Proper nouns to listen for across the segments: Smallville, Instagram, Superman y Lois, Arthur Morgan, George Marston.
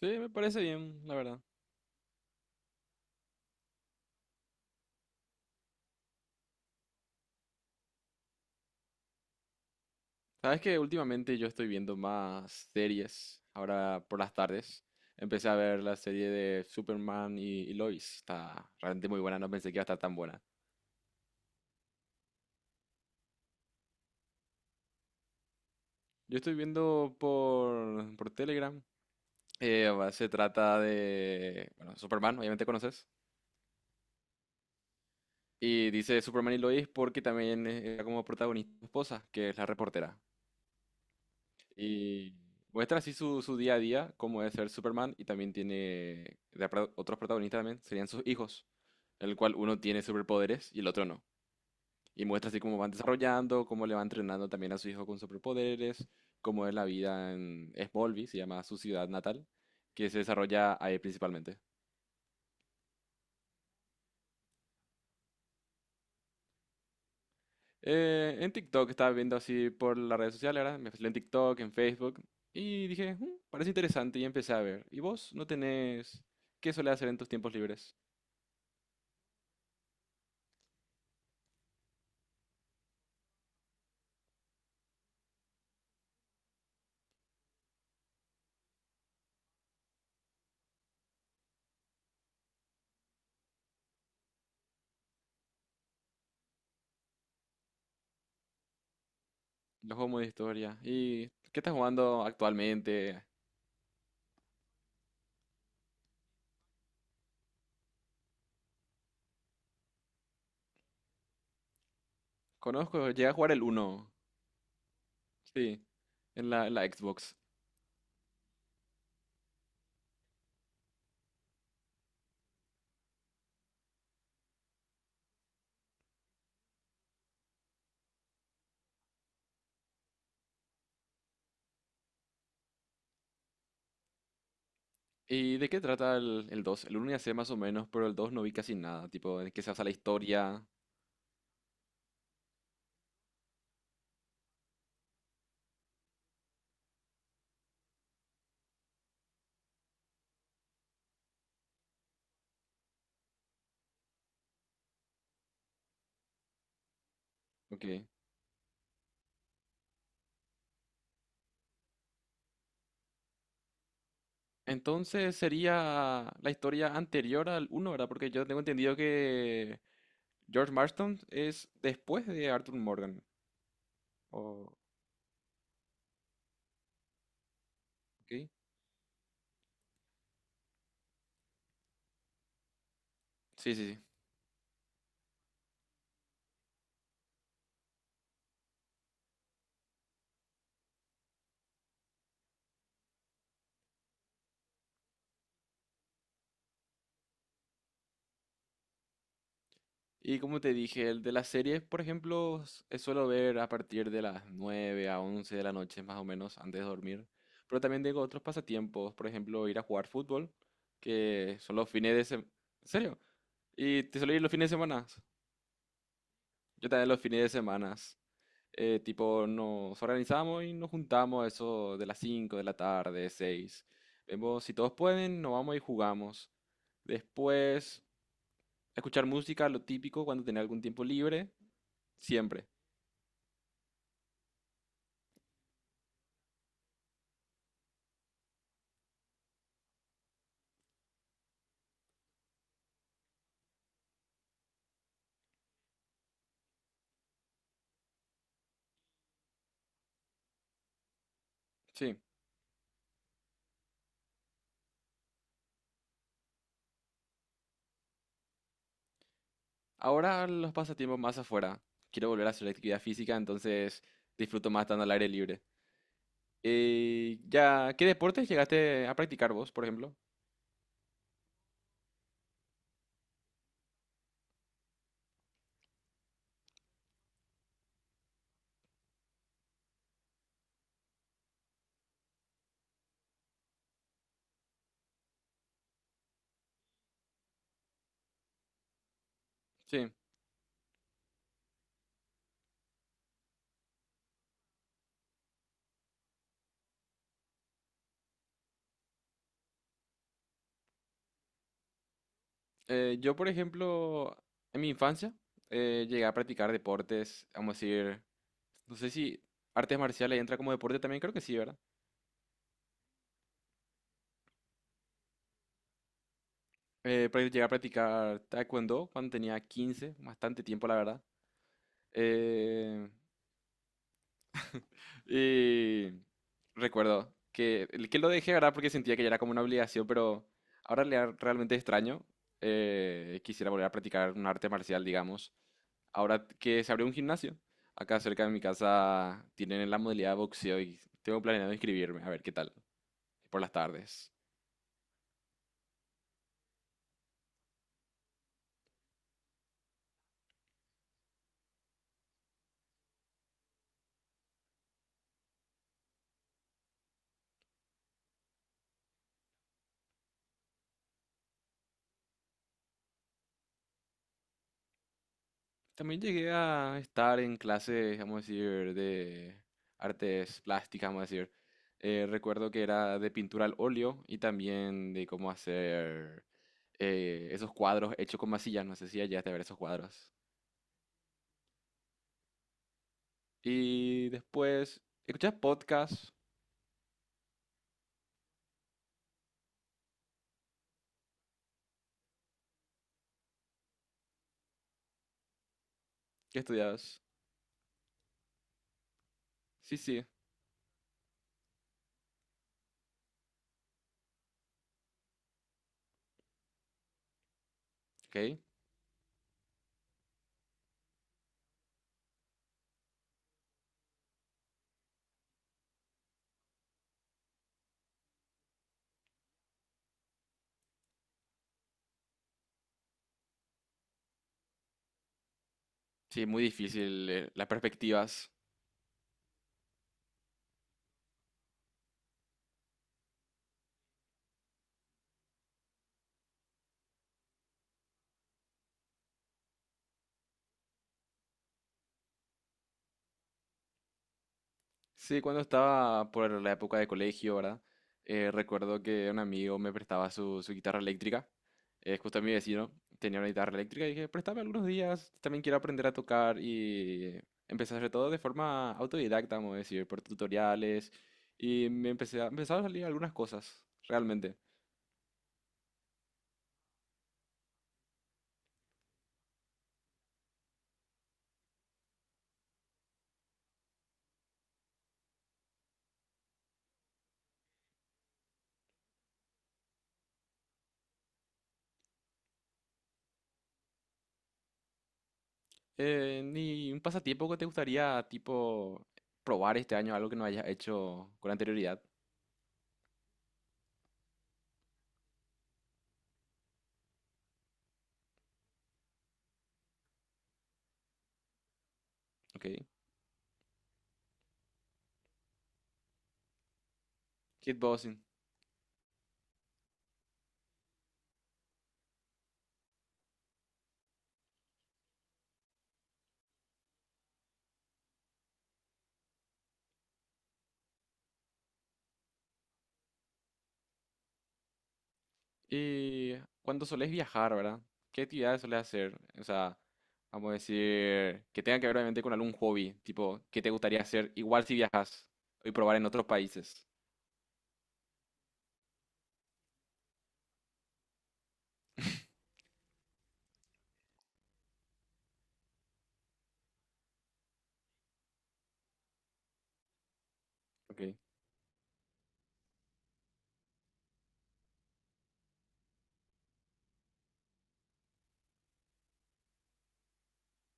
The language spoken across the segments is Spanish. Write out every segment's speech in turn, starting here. Sí, me parece bien, la verdad. Sabes que últimamente yo estoy viendo más series. Ahora por las tardes empecé a ver la serie de Superman y Lois. Está realmente muy buena, no pensé que iba a estar tan buena. Yo estoy viendo por Telegram. Se trata de, bueno, Superman, obviamente conoces. Y dice Superman y Lois porque también era como protagonista su esposa, que es la reportera. Y muestra así su día a día, cómo es ser Superman, y también tiene otros protagonistas también, serían sus hijos, el cual uno tiene superpoderes y el otro no. Y muestra así cómo van desarrollando, cómo le va entrenando también a su hijo con superpoderes, cómo es la vida en Smallville, se llama su ciudad natal, que se desarrolla ahí principalmente. En TikTok estaba viendo así por las redes sociales, ahora me fui en TikTok, en Facebook, y dije, "Mm, parece interesante y empecé a ver. ¿Y vos no tenés qué solés hacer en tus tiempos libres? Los juegos modo historia. ¿Y qué estás jugando actualmente? Conozco, llegué a jugar el uno. Sí, en la Xbox. ¿Y de qué trata el 2? El uno ya sé más o menos, pero el 2 no vi casi nada. Tipo, ¿de qué se basa la historia? Ok. Entonces sería la historia anterior al uno, ¿verdad? Porque yo tengo entendido que George Marston es después de Arthur Morgan. O- ok. Sí, sí, sí. Y como te dije, el de las series, por ejemplo, suelo ver a partir de las 9 a 11 de la noche, más o menos, antes de dormir. Pero también tengo otros pasatiempos, por ejemplo, ir a jugar fútbol, que son los fines de semana. ¿En serio? Y te suelo ir los fines de semana. Yo también los fines de semana. Tipo, nos organizamos y nos juntamos eso de las 5 de la tarde, 6. Vemos si todos pueden, nos vamos y jugamos. Después, escuchar música, lo típico, cuando tenía algún tiempo libre, siempre. Sí, ahora los pasatiempos más afuera. Quiero volver a hacer actividad física, entonces disfruto más estando al aire libre. Ya, ¿qué deportes llegaste a practicar vos, por ejemplo? Sí, yo, por ejemplo, en mi infancia llegué a practicar deportes, vamos a decir, no sé si artes marciales entra como deporte también, creo que sí, ¿verdad? Llegué a practicar taekwondo cuando tenía 15, bastante tiempo, la verdad. Eh, Y recuerdo que lo dejé, ¿verdad? Porque sentía que ya era como una obligación, pero ahora realmente extraño. Quisiera volver a practicar un arte marcial, digamos. Ahora que se abrió un gimnasio, acá cerca de mi casa tienen la modalidad de boxeo y tengo planeado inscribirme, a ver qué tal, por las tardes. También llegué a estar en clases, vamos a decir, de artes plásticas, vamos a decir. Recuerdo que era de pintura al óleo y también de cómo hacer esos cuadros hechos con masillas. No sé si llegaste a ver esos cuadros. Y después, ¿escuchas podcast? ¿Qué estudias? Sí, sí, ok. Sí, muy difícil, las perspectivas. Sí, cuando estaba por la época de colegio, ¿verdad? Recuerdo que un amigo me prestaba su guitarra eléctrica. Justo mi vecino tenía una guitarra eléctrica y dije, préstame algunos días, también quiero aprender a tocar y empecé a hacer todo de forma autodidacta, vamos a decir, por tutoriales y empezaron a salir algunas cosas, realmente. ¿Ni un pasatiempo que te gustaría, tipo, probar este año, algo que no hayas hecho con anterioridad? Ok. Kickboxing. Y cuando solés viajar, ¿verdad? ¿Qué actividades solés hacer? O sea, vamos a decir, que tenga que ver obviamente con algún hobby, tipo, ¿qué te gustaría hacer igual si viajas y probar en otros países? Ok.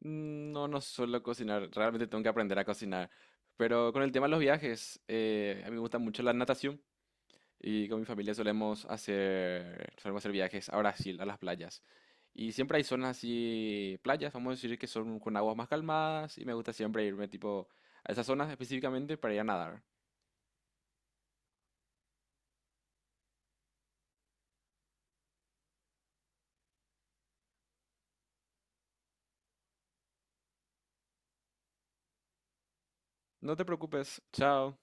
No, no suelo cocinar, realmente tengo que aprender a cocinar. Pero con el tema de los viajes, a mí me gusta mucho la natación. Y con mi familia solemos hacer viajes a Brasil, a las playas. Y siempre hay zonas así, playas, vamos a decir que son con aguas más calmadas. Y me gusta siempre irme tipo a esas zonas específicamente para ir a nadar. No te preocupes, chao.